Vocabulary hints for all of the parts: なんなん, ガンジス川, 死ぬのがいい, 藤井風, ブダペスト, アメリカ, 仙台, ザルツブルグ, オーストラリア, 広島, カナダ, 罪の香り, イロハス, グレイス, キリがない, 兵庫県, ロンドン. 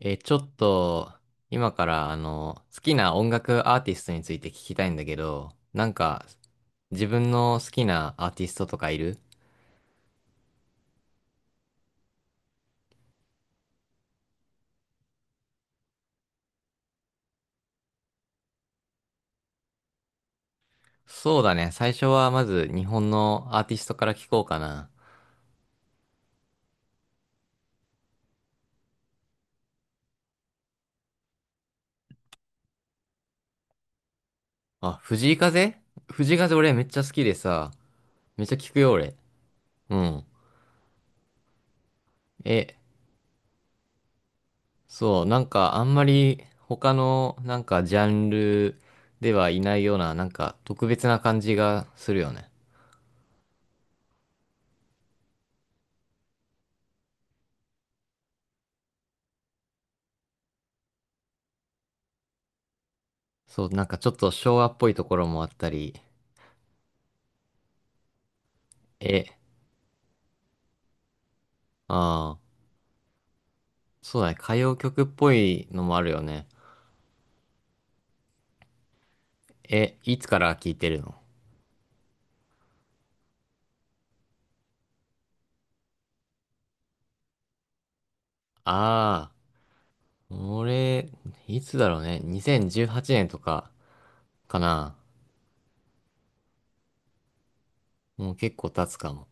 ちょっと、今から、好きな音楽アーティストについて聞きたいんだけど、なんか、自分の好きなアーティストとかいる？そうだね。最初はまず日本のアーティストから聞こうかな。あ、藤井風。藤井風俺めっちゃ好きでさ、めっちゃ聞くよ俺。うん。え、そう、なんかあんまり他のなんかジャンルではいないような、なんか特別な感じがするよね。そう、なんかちょっと昭和っぽいところもあったり、え、ああ、そうだね。歌謡曲っぽいのもあるよね。え、いつから聴いてるの？ああ、俺、いつだろうね。2018年とかかな。もう結構経つかも。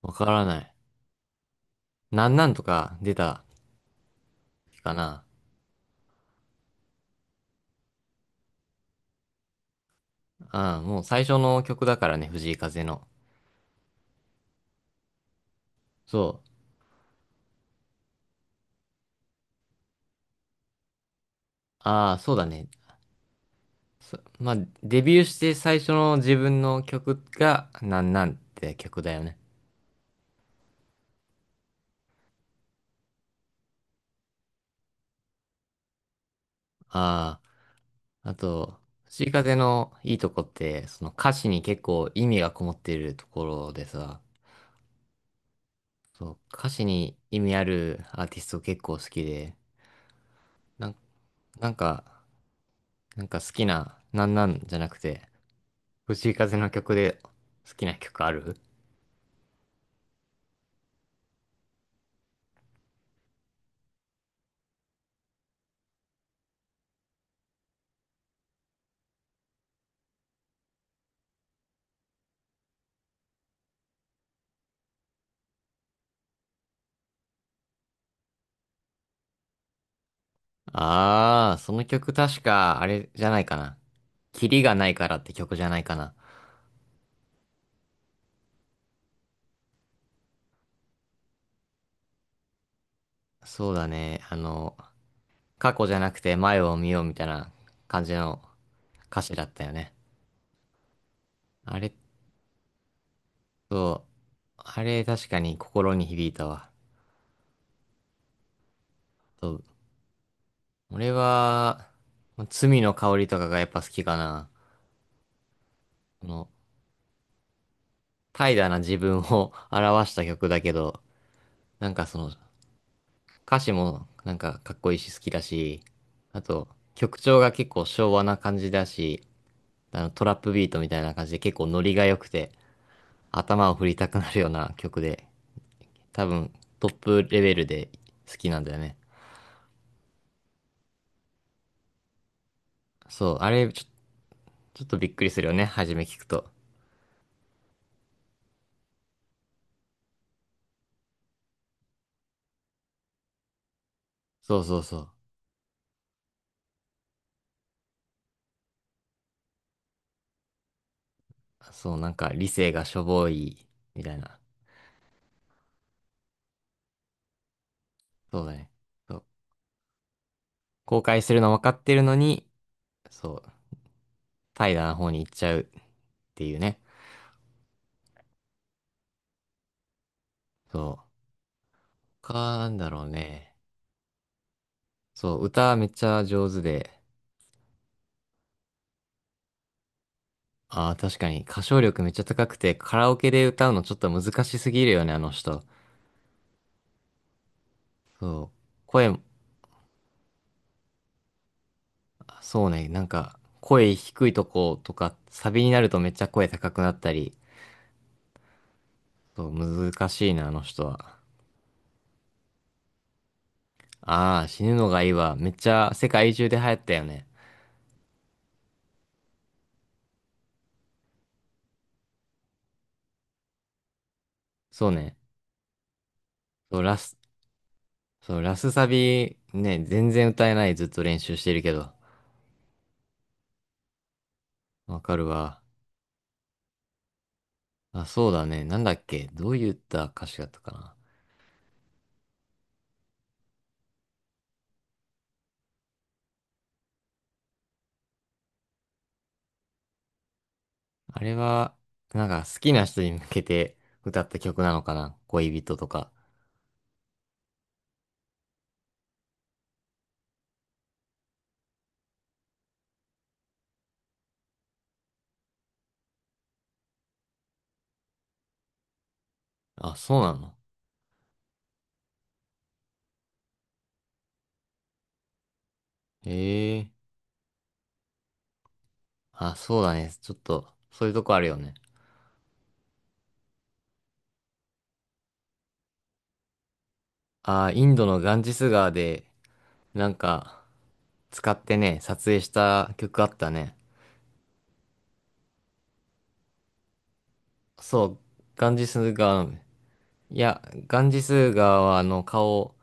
わからない。なんなんとか出た時かな。ああ、もう最初の曲だからね、藤井風の。そう。ああ、そうだね。まあ、デビューして最初の自分の曲が、なんなんって曲だよね。ああ。あと、藤井風のいいとこって、その歌詞に結構意味がこもっているところでさ、そう、歌詞に意味あるアーティスト結構好きで、なん、なんか、なんか好きな、なんなんじゃなくて、藤井風の曲で好きな曲ある？ああー、その曲確か、あれじゃないかな。キリがないからって曲じゃないかな。そうだね、過去じゃなくて前を見ようみたいな感じの歌詞だったよね。あれあれ、確かに心に響いたわ。そう。俺は、罪の香りとかがやっぱ好きかな。この、怠惰な自分を 表した曲だけど、なんか歌詞もなんかかっこいいし好きだし、あと、曲調が結構昭和な感じだし、トラップビートみたいな感じで結構ノリが良くて、頭を振りたくなるような曲で、多分トップレベルで好きなんだよね。そう、あれちょっとびっくりするよね、初め聞くと。そうそうそう。そう、なんか理性がしょぼい、みたいな。そうだね。そう。後悔するの分かってるのに、そう、怠惰な方に行っちゃうっていうね。そう。なんだろうね。そう、歌めっちゃ上手で、ああ、確かに歌唱力めっちゃ高くて、カラオケで歌うのちょっと難しすぎるよね、あの人。そう。声、そうね、なんか、声低いとことか、サビになるとめっちゃ声高くなったり、そう、難しいな、あの人は。ああ、死ぬのがいいわ。めっちゃ世界中で流行ったよね。そうね。そう、ラス、そう、ラスサビね、全然歌えない。ずっと練習してるけど。わかるわ。あ、そうだね。なんだっけ。どういった歌詞だったかな。あれは、なんか好きな人に向けて歌った曲なのかな。恋人とか。あ、そうなの。へえ。あ、そうだね。ちょっと、そういうとこあるよね。ああ、インドのガンジス川で、なんか、使ってね、撮影した曲あったね。そう、ガンジス川の海、いや、ガンジス川はあの顔を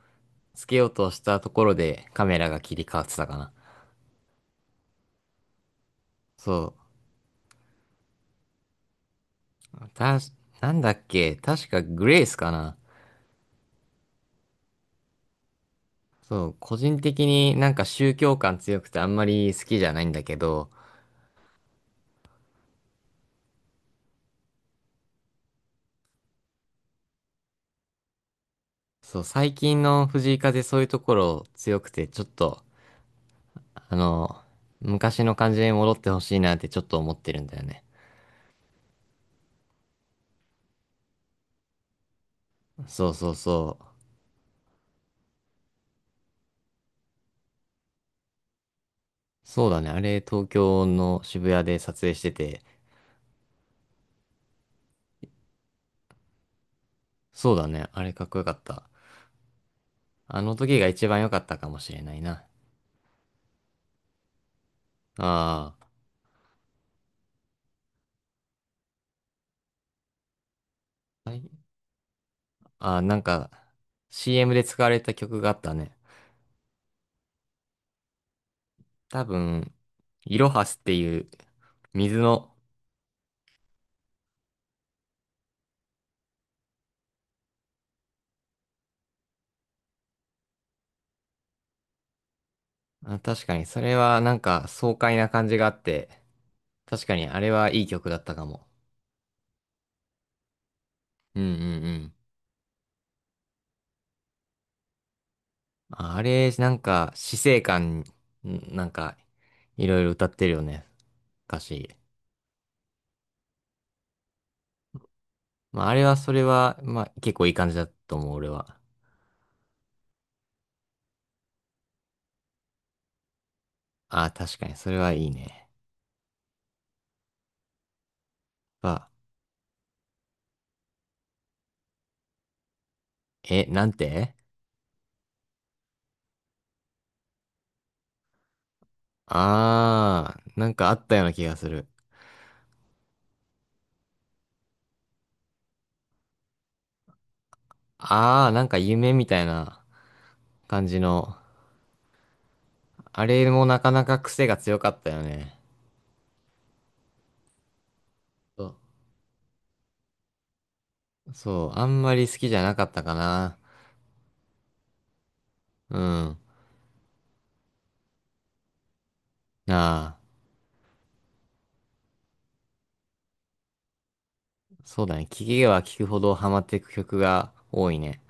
つけようとしたところでカメラが切り替わってたかな。そう、なんだっけ、確かグレイスかな。そう、個人的になんか宗教感強くてあんまり好きじゃないんだけど、そう、最近の藤井風そういうところ強くてちょっと、あの、昔の感じに戻ってほしいなってちょっと思ってるんだよね。そうそうそう。そうだね。あれ、東京の渋谷で撮影してて、そうだね。あれかっこよかった。あの時が一番良かったかもしれないな。ああ。はい。なんか、CM で使われた曲があったね。多分、イロハスっていう水の、あ、確かにそれはなんか爽快な感じがあって、確かにあれはいい曲だったかも。うんうんうん。あれ、なんか死生観、なんか、いろいろ歌ってるよね。歌詞。まああれはそれは、まあ結構いい感じだと思う、俺は。あ、確かに、それはいいね。あ、なんて？なんかあったような気がする。なんか夢みたいな感じの。あれもなかなか癖が強かったよね。そう、そうあんまり好きじゃなかったかな。うん。なあ、そうだね。聴けば聴くほどハマっていく曲が多いね。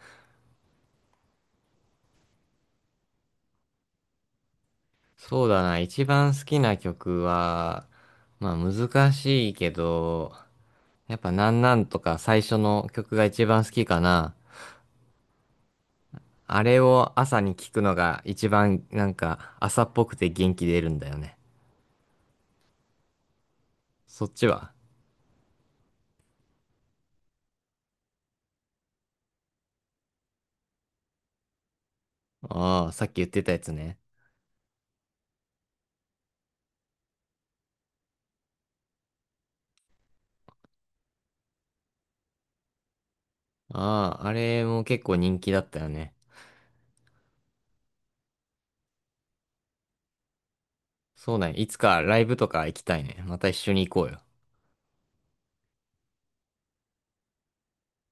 そうだな、一番好きな曲は、まあ難しいけど、やっぱなんなんとか最初の曲が一番好きかな。あれを朝に聞くのが一番なんか朝っぽくて元気出るんだよね。そっちは？ああ、さっき言ってたやつね。ああ、あれも結構人気だったよね。そうだね。いつかライブとか行きたいね。また一緒に行こうよ。